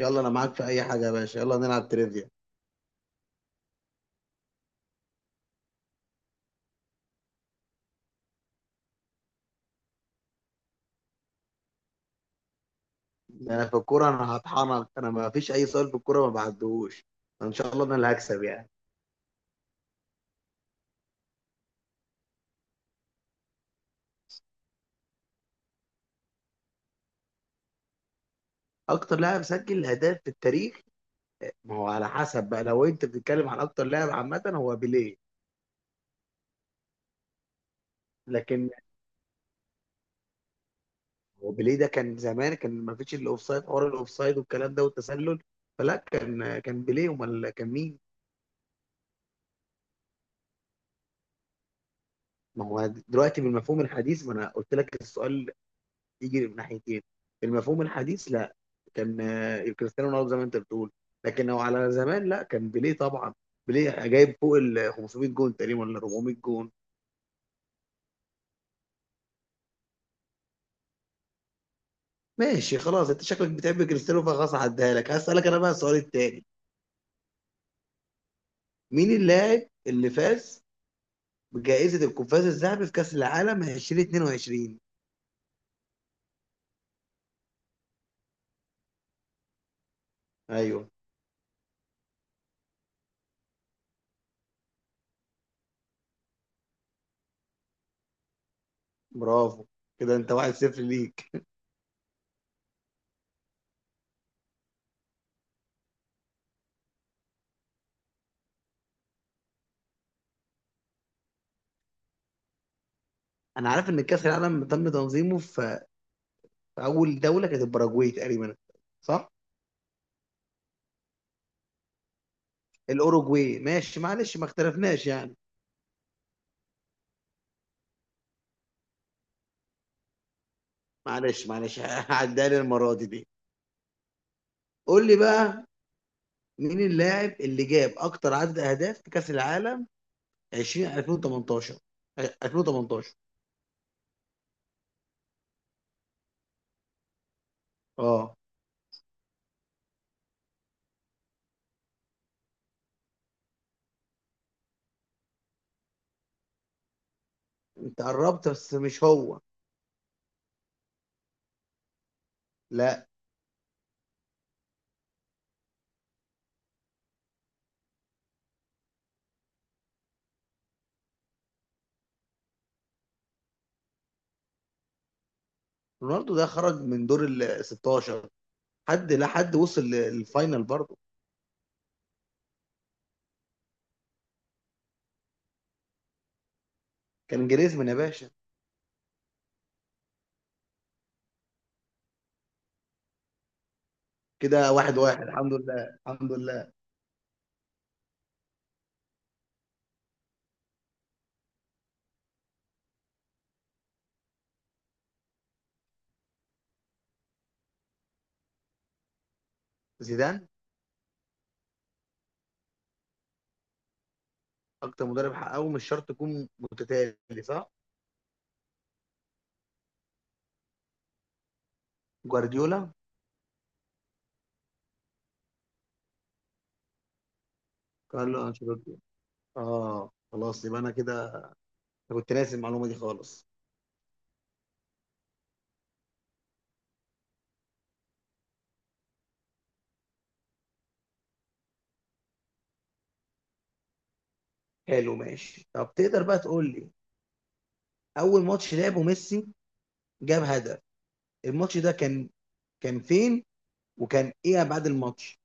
يلا انا معاك في اي حاجه يا باشا، يلا نلعب تريفيا. انا في الكوره انا هطحنك، انا ما فيش اي سؤال في الكوره ما بعدهوش. ان شاء الله انا اللي هكسب يعني. اكتر لاعب سجل اهداف في التاريخ؟ ما هو على حسب بقى، لو انت بتتكلم عن اكتر لاعب عامه هو بيليه. لكن هو بيليه ده كان زمان، كان ما فيش الاوفسايد، حوار الاوفسايد والكلام ده والتسلل. فلا، كان بيليه، امال كان مين؟ ما هو دلوقتي بالمفهوم الحديث، ما انا قلت لك السؤال يجري من ناحيتين. في المفهوم الحديث لا، كان كريستيانو رونالدو زي ما انت بتقول. لكن لو على زمان لا، كان بيليه طبعا. بيليه جايب فوق ال 500 جون تقريبا، ولا 400 جون. ماشي خلاص، انت شكلك بتحب كريستيانو، فخلاص هعديها لك. هسألك انا بقى السؤال التاني: مين اللاعب اللي فاز بجائزة القفاز الذهبي في كأس العالم 2022؟ ايوه. برافو، كده انت 1-0 ليك. انا عارف ان كأس العالم تم تنظيمه في اول دولة، كانت الباراجواي تقريبا، صح؟ الاوروجواي، ماشي معلش، ما اختلفناش يعني. معلش معلش، هعديها لي المره دي. قول لي بقى، مين اللاعب اللي جاب اكتر عدد اهداف في كاس العالم 20 2018 2018 اه؟ انت قربت بس مش هو. لا، رونالدو ده خرج من دور ال 16. حد، لا حد وصل للفاينل برضه. كان جريزمان يا باشا. كده واحد واحد، الحمد لله الحمد لله. زيدان. اكتر مدرب حققه مش شرط يكون متتالي، صح؟ جوارديولا. كارلو انشيلوتي. اه خلاص، يبقى انا كده. أنا كنت ناسي المعلومه دي خالص. حلو ماشي. طب تقدر بقى تقول لي اول ماتش لعبه ميسي جاب هدف، الماتش ده كان فين؟ وكان ايه بعد الماتش؟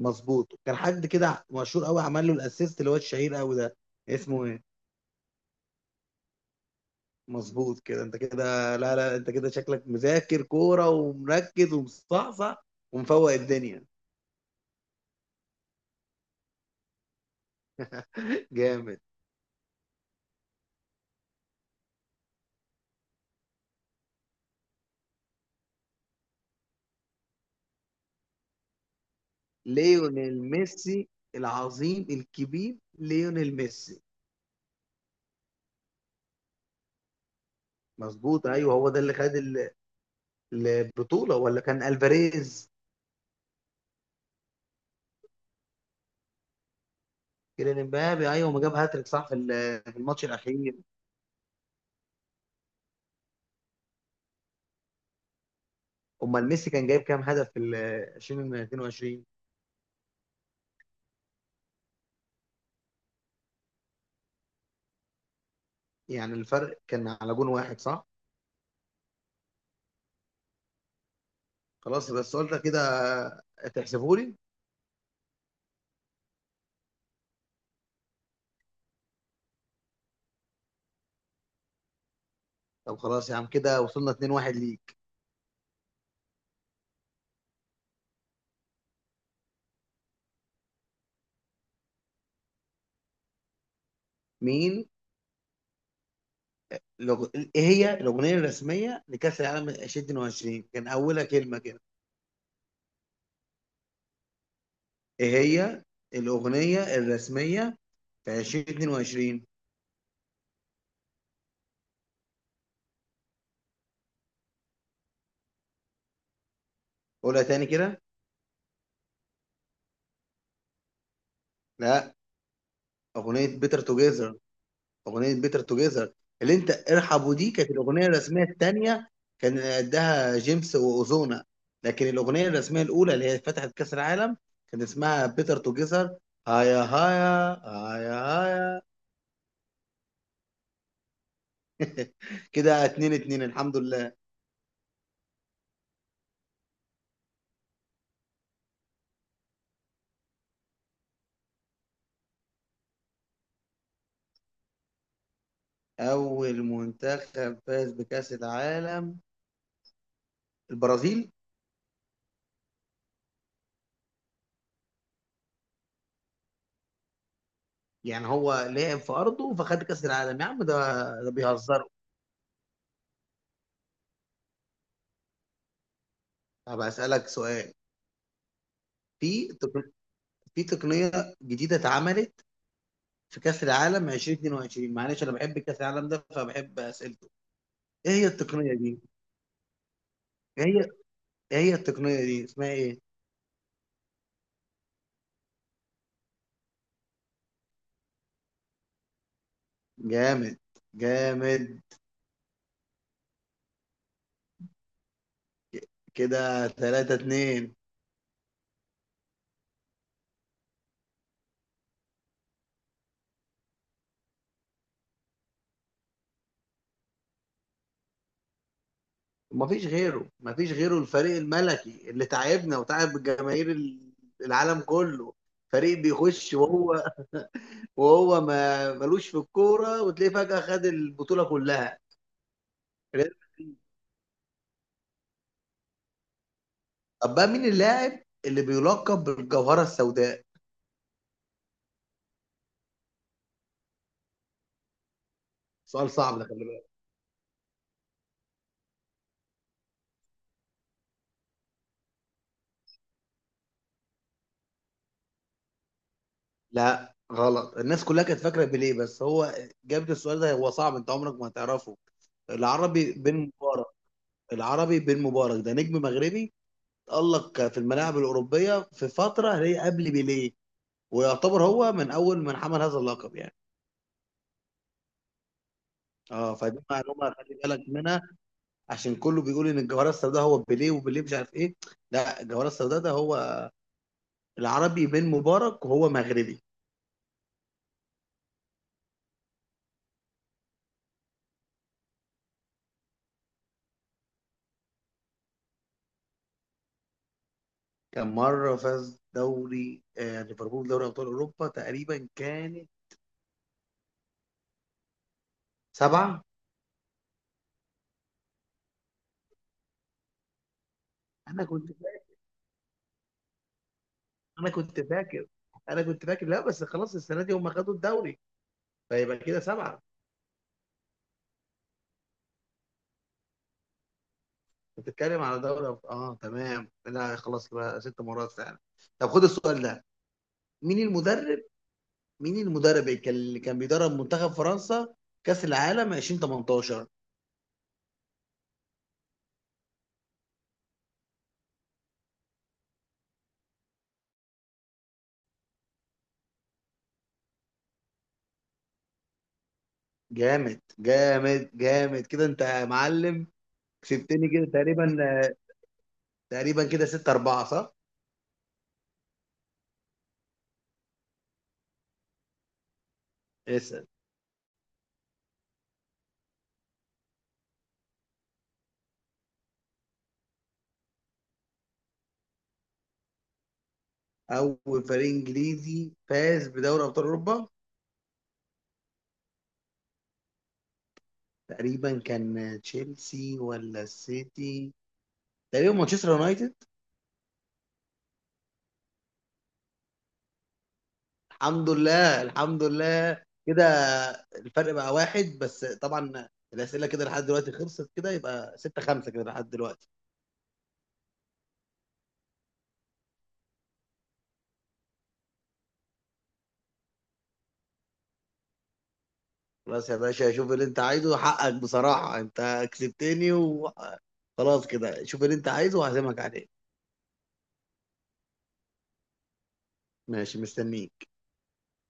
مظبوط. كان حد كده مشهور قوي عمل له الاسيست، اللي هو الشهير قوي ده، اسمه ايه؟ مظبوط، كده انت كده. لا لا، انت كده شكلك مذاكر كوره ومركز ومصحصح ومفوق الدنيا. جامد. ليونيل ميسي العظيم الكبير ليونيل ميسي. مظبوط ايوه، هو ده اللي خد البطوله، ولا كان الفاريز؟ كيليان امبابي، ايوه ما جاب هاتريك صح في في الماتش الاخير. امال ميسي كان جايب كام هدف في ال 2022؟ يعني الفرق كان على جون واحد، صح؟ خلاص، بس السؤال ده كده تحسبه لي. طب خلاص يا عم، كده وصلنا 2-1 ليك. مين لغ... ايه هي الاغنيه الرسميه لكاس العالم 2022؟ كان اولها كلمه كده. ايه هي الاغنيه الرسميه في 2022؟ قولها تاني كده. لا. اغنيه بيتر توجيزر. اغنيه بيتر توجيزر، اللي انت ارحبوا دي كانت الاغنيه الرسميه الثانيه. كان قدها جيمس واوزونا. لكن الاغنيه الرسميه الاولى اللي هي فتحت كاس العالم كان اسمها بيتر توجيزر، هايا هايا هايا هايا. كده اتنين اتنين، الحمد لله. اول منتخب فاز بكاس العالم: البرازيل. يعني هو لعب في ارضه فخد كاس العالم يا عم، ده بيهزروا. طب هسألك سؤال: في في تقنيه جديده اتعملت في كأس العالم 2022، معلش انا بحب كأس العالم ده فبحب اسئلته. ايه هي التقنية دي؟ ايه هي ايه هي التقنية دي اسمها ايه؟ جامد. جامد. كده 3-2. مفيش غيره، مفيش غيره، الفريق الملكي اللي تعبنا وتعب الجماهير العالم كله. فريق بيخش وهو ما ملوش في الكورة، وتلاقيه فجأة خد البطولة كلها. ريال مدريد. طب بقى، مين اللاعب اللي بيلقب بالجوهرة السوداء؟ سؤال صعب ده، خلي بالك. لا غلط، الناس كلها كانت فاكره بيليه، بس هو جاب لي السؤال ده هو صعب، انت عمرك ما هتعرفه. العربي بن مبارك. العربي بن مبارك ده نجم مغربي، تألق في الملاعب الأوروبية في فترة هي قبل بيليه، ويعتبر هو من أول من حمل هذا اللقب يعني. اه، فدي معلومة خلي بالك منها، عشان كله بيقول إن الجوهرة السوداء هو بيليه وبيليه مش عارف إيه. لا، الجوهرة السوداء ده هو العربي بن مبارك، وهو مغربي. كان مرة فاز دوري ليفربول دوري أبطال أوروبا تقريبا كان سبعة. أنا كنت أنا كنت فاكر، أنا كنت فاكر، لا بس خلاص السنة دي هم خدوا الدوري، فيبقى كده سبعة. بتتكلم على دوري أبطال، تمام، لا خلاص بقى ست مرات فعلا. طب خد السؤال ده. مين المدرب مين المدرب اللي كان بيدرب منتخب فرنسا كأس العالم 2018؟ جامد جامد جامد كده أنت يا معلم. كسبتني كده تقريبا، تقريبا كده 6-4، صح؟ اسأل. أول فريق إنجليزي فاز بدوري أبطال أوروبا؟ تقريبا كان تشيلسي ولا السيتي. تقريبا مانشستر يونايتد. الحمد لله الحمد لله كده. الفرق بقى واحد بس طبعا. الأسئلة كده لحد دلوقتي خلصت كده، يبقى ستة خمسة كده لحد دلوقتي. خلاص يا باشا، شوف اللي انت عايزه، حقك بصراحة انت كسبتني وخلاص. كده شوف اللي انت عايزه وهعزمك عليه. ماشي مستنيك.